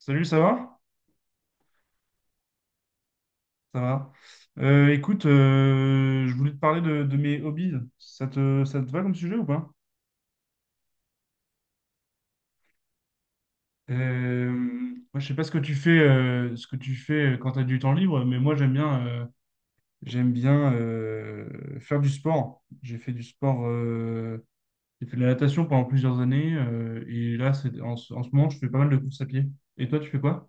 Salut, ça va? Ça va. Écoute, je voulais te parler de mes hobbies. Ça te va comme sujet ou pas? Moi, je sais pas ce que tu fais, ce que tu fais quand tu as du temps libre, mais moi, j'aime bien faire du sport. J'ai fait du sport. J'ai fait de la natation pendant plusieurs années. Et là, c'est, en ce moment, je fais pas mal de courses à pied. Et toi, tu fais quoi?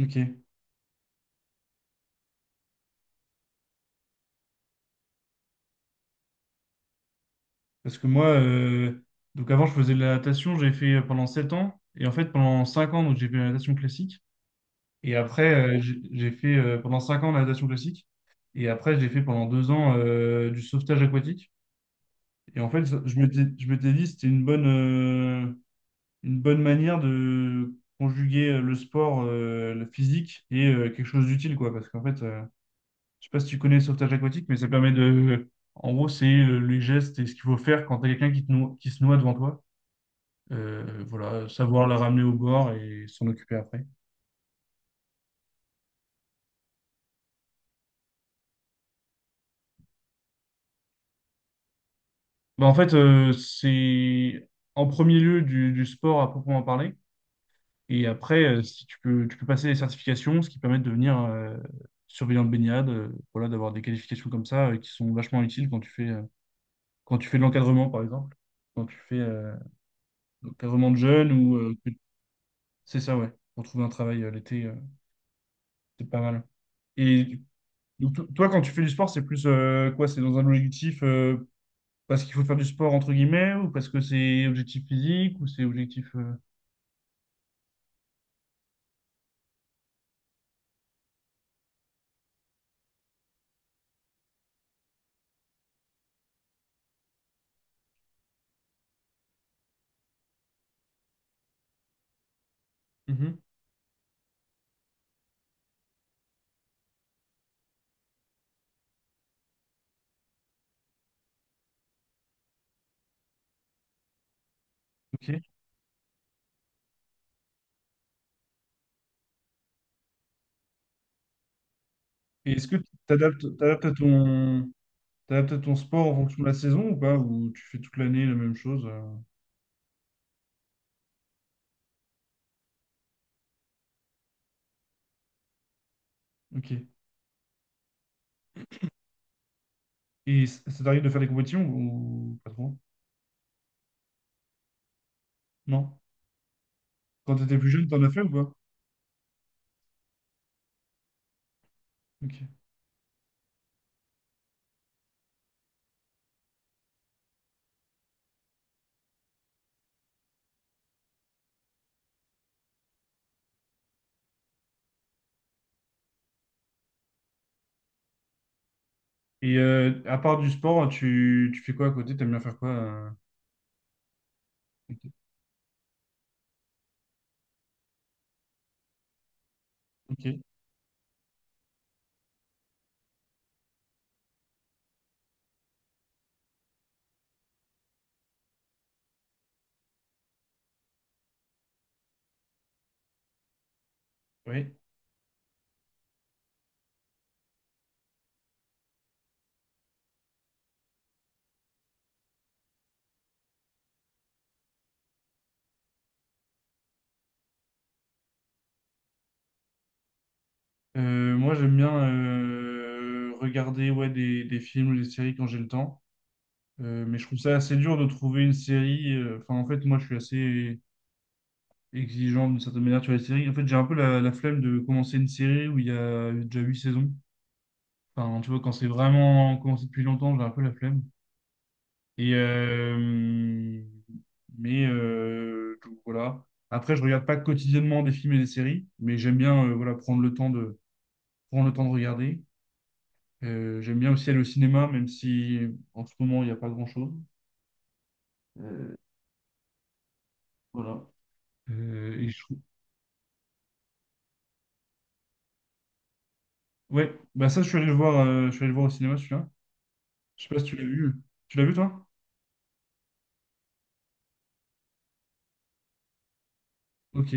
Ok. Parce que moi, donc avant, je faisais de la natation, j'ai fait pendant 7 ans. Et en fait, pendant 5 ans, donc j'ai fait la natation classique. Et après, j'ai fait pendant 5 ans la natation classique. Et après, j'ai fait pendant 2 ans du sauvetage aquatique. Et en fait, je m'étais dit, c'était une bonne manière de conjuguer le sport, le physique et quelque chose d'utile, quoi. Parce qu'en fait, je sais pas si tu connais le sauvetage aquatique, mais ça permet de... En gros, c'est les gestes et ce qu'il faut faire quand t'as quelqu'un qui se noie devant toi. Voilà, savoir la ramener au bord et s'en occuper après. Bah, en fait, c'est en premier lieu du sport à proprement parler. Et après, si tu peux, tu peux passer des certifications, ce qui permet de devenir surveillant de baignade. Voilà, d'avoir des qualifications comme ça qui sont vachement utiles quand tu fais de l'encadrement, par exemple, quand tu fais de l'encadrement de jeunes ou c'est ça, ouais, pour trouver un travail l'été, c'est pas mal. Et donc, toi, quand tu fais du sport, c'est plus quoi? C'est dans un objectif, parce qu'il faut faire du sport entre guillemets, ou parce que c'est objectif physique, ou c'est objectif. Mhm. Ok. Et est-ce que tu t'adaptes à ton sport en fonction de la saison ou pas? Ou tu fais toute l'année la même chose? Ok. Et ça t'arrive de faire des compétitions ou pas trop? Non. Quand t'étais plus jeune, t'en as fait ou pas? Ok. Et à part du sport, tu fais quoi à côté? T'aimes bien faire quoi? Ok. Ok. Oui. Moi, j'aime bien regarder, ouais, des films ou des séries quand j'ai le temps. Mais je trouve ça assez dur de trouver une série. Enfin, en fait, moi, je suis assez exigeant d'une certaine manière sur les séries. En fait, j'ai un peu la flemme de commencer une série où il y a déjà huit saisons. Enfin, tu vois, quand c'est vraiment commencé depuis longtemps, j'ai un peu la flemme. Et euh, donc, voilà. Après, je regarde pas quotidiennement des films et des séries, mais j'aime bien, voilà, prendre le temps de regarder. J'aime bien aussi aller au cinéma, même si en ce moment il n'y a pas grand-chose. Euh, voilà. Et je Ouais, bah ça, je suis allé le voir au cinéma, celui-là. Je sais pas si tu l'as vu. Tu l'as vu, toi? Ok.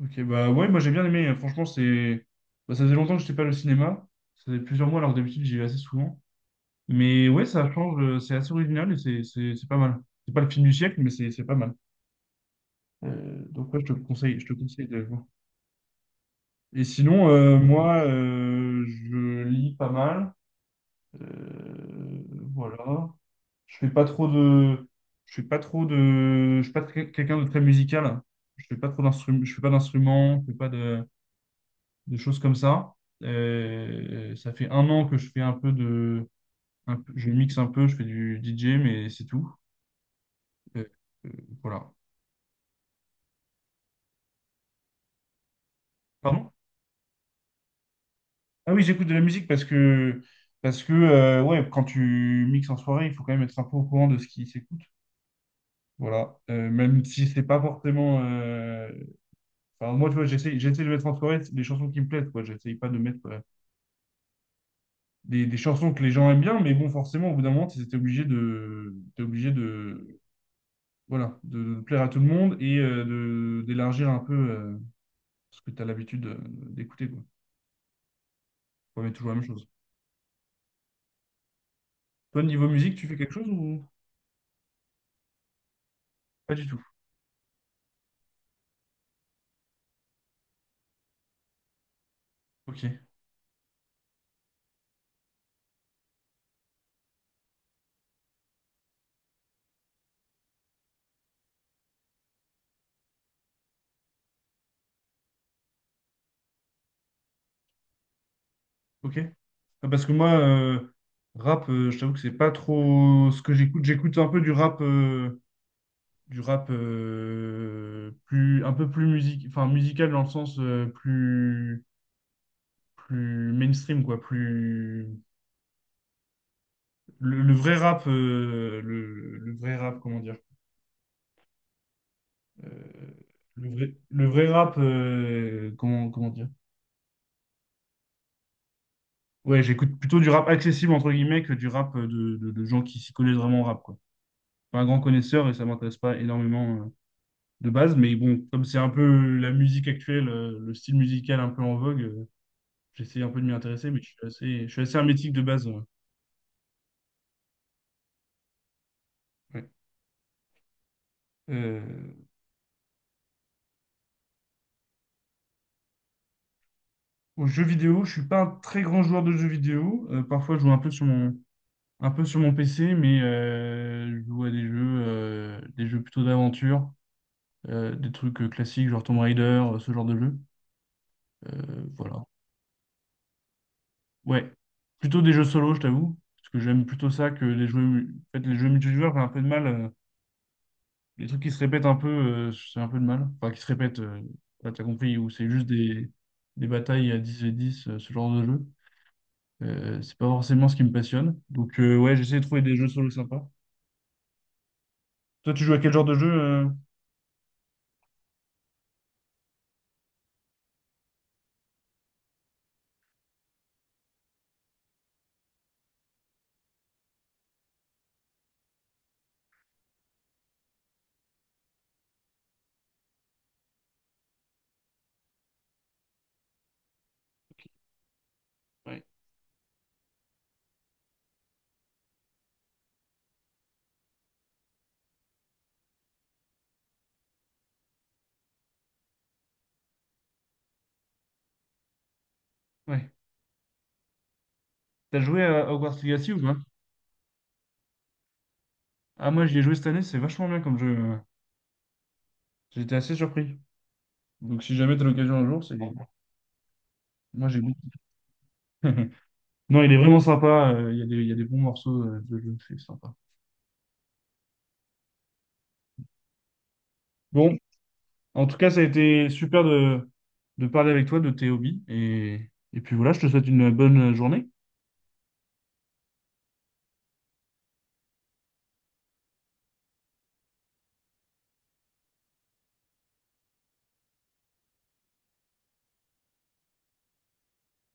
Ok, bah ouais, moi j'ai bien aimé. Franchement, bah, ça faisait longtemps que je n'étais pas allé au cinéma. Ça faisait plusieurs mois, alors que d'habitude, j'y vais assez souvent. Mais ouais, ça change, c'est assez original et c'est pas mal. C'est pas le film du siècle, mais c'est pas mal. Donc ouais, je te conseille de le voir. Et sinon, moi, je lis pas mal. Euh, voilà. Je fais pas trop de. Je suis pas trop de. Je suis pas très- quelqu'un de très musical. Je fais pas trop d'instruments. Je fais pas d'instruments. Je fais pas de choses comme ça. Ça fait un an que je fais un peu de. Je mixe un peu. Je fais du DJ, mais c'est tout. Euh, euh, voilà. Pardon? Ah oui, j'écoute de la musique parce que ouais, quand tu mixes en soirée, il faut quand même être un peu au courant de ce qui s'écoute. Voilà. Même si c'est pas forcément. Enfin, moi, tu vois, j'essaie de mettre en soirée les chansons qui me plaisent, quoi. J'essaye pas de mettre des chansons que les gens aiment bien, mais bon, forcément, au bout d'un moment, t'es obligé de plaire à tout le monde et d'élargir un peu ce que tu as l'habitude d'écouter, quoi. Faut pas mettre toujours la même chose. Toi, niveau musique, tu fais quelque chose ou pas du tout? Ok, ok. Ah, parce que moi, rap, je t'avoue que c'est pas trop ce que j'écoute. J'écoute un peu du rap, du rap plus, un peu plus musique, enfin, musical dans le sens plus mainstream, quoi, plus... Le vrai rap, le vrai rap, comment dire? euh, le vrai rap, comment dire? Ouais, j'écoute plutôt du rap accessible, entre guillemets, que du rap de gens qui s'y connaissent vraiment en rap, quoi. Pas un grand connaisseur et ça m'intéresse pas énormément, de base, mais bon, comme c'est un peu la musique actuelle, le style musical un peu en vogue. J'essaie un peu de m'y intéresser, mais je suis assez hermétique de base, ouais. Euh, Aux jeux vidéo, je suis pas un très grand joueur de jeux vidéo. Parfois, je joue un peu sur mon PC, mais je joue à des jeux plutôt d'aventure, des trucs classiques, genre Tomb Raider, ce genre de jeu. Voilà. Ouais. Plutôt des jeux solo, je t'avoue, parce que j'aime plutôt ça que les en fait, les jeux multijoueurs, j'ai un peu de mal. Les trucs qui se répètent un peu, j'ai un peu de mal. Enfin, qui se répètent, bah, t'as compris, où c'est juste des batailles à 10 et 10, ce genre de jeu. C'est pas forcément ce qui me passionne. Donc, ouais, j'essaie de trouver des jeux solo sympas. Toi, tu joues à quel genre de jeu? Ouais. Ouais. T'as joué à Hogwarts Legacy ou pas? Ah, moi, j'y ai joué cette année, c'est vachement bien comme jeu. J'étais assez surpris. Donc, si jamais t'as l'occasion un jour, c'est. Moi, j'ai beaucoup. Non, il est vraiment sympa. Il y a des bons morceaux de jeu, c'est sympa. Bon, en tout cas, ça a été super de parler avec toi de tes hobbies. Et puis voilà, je te souhaite une bonne journée.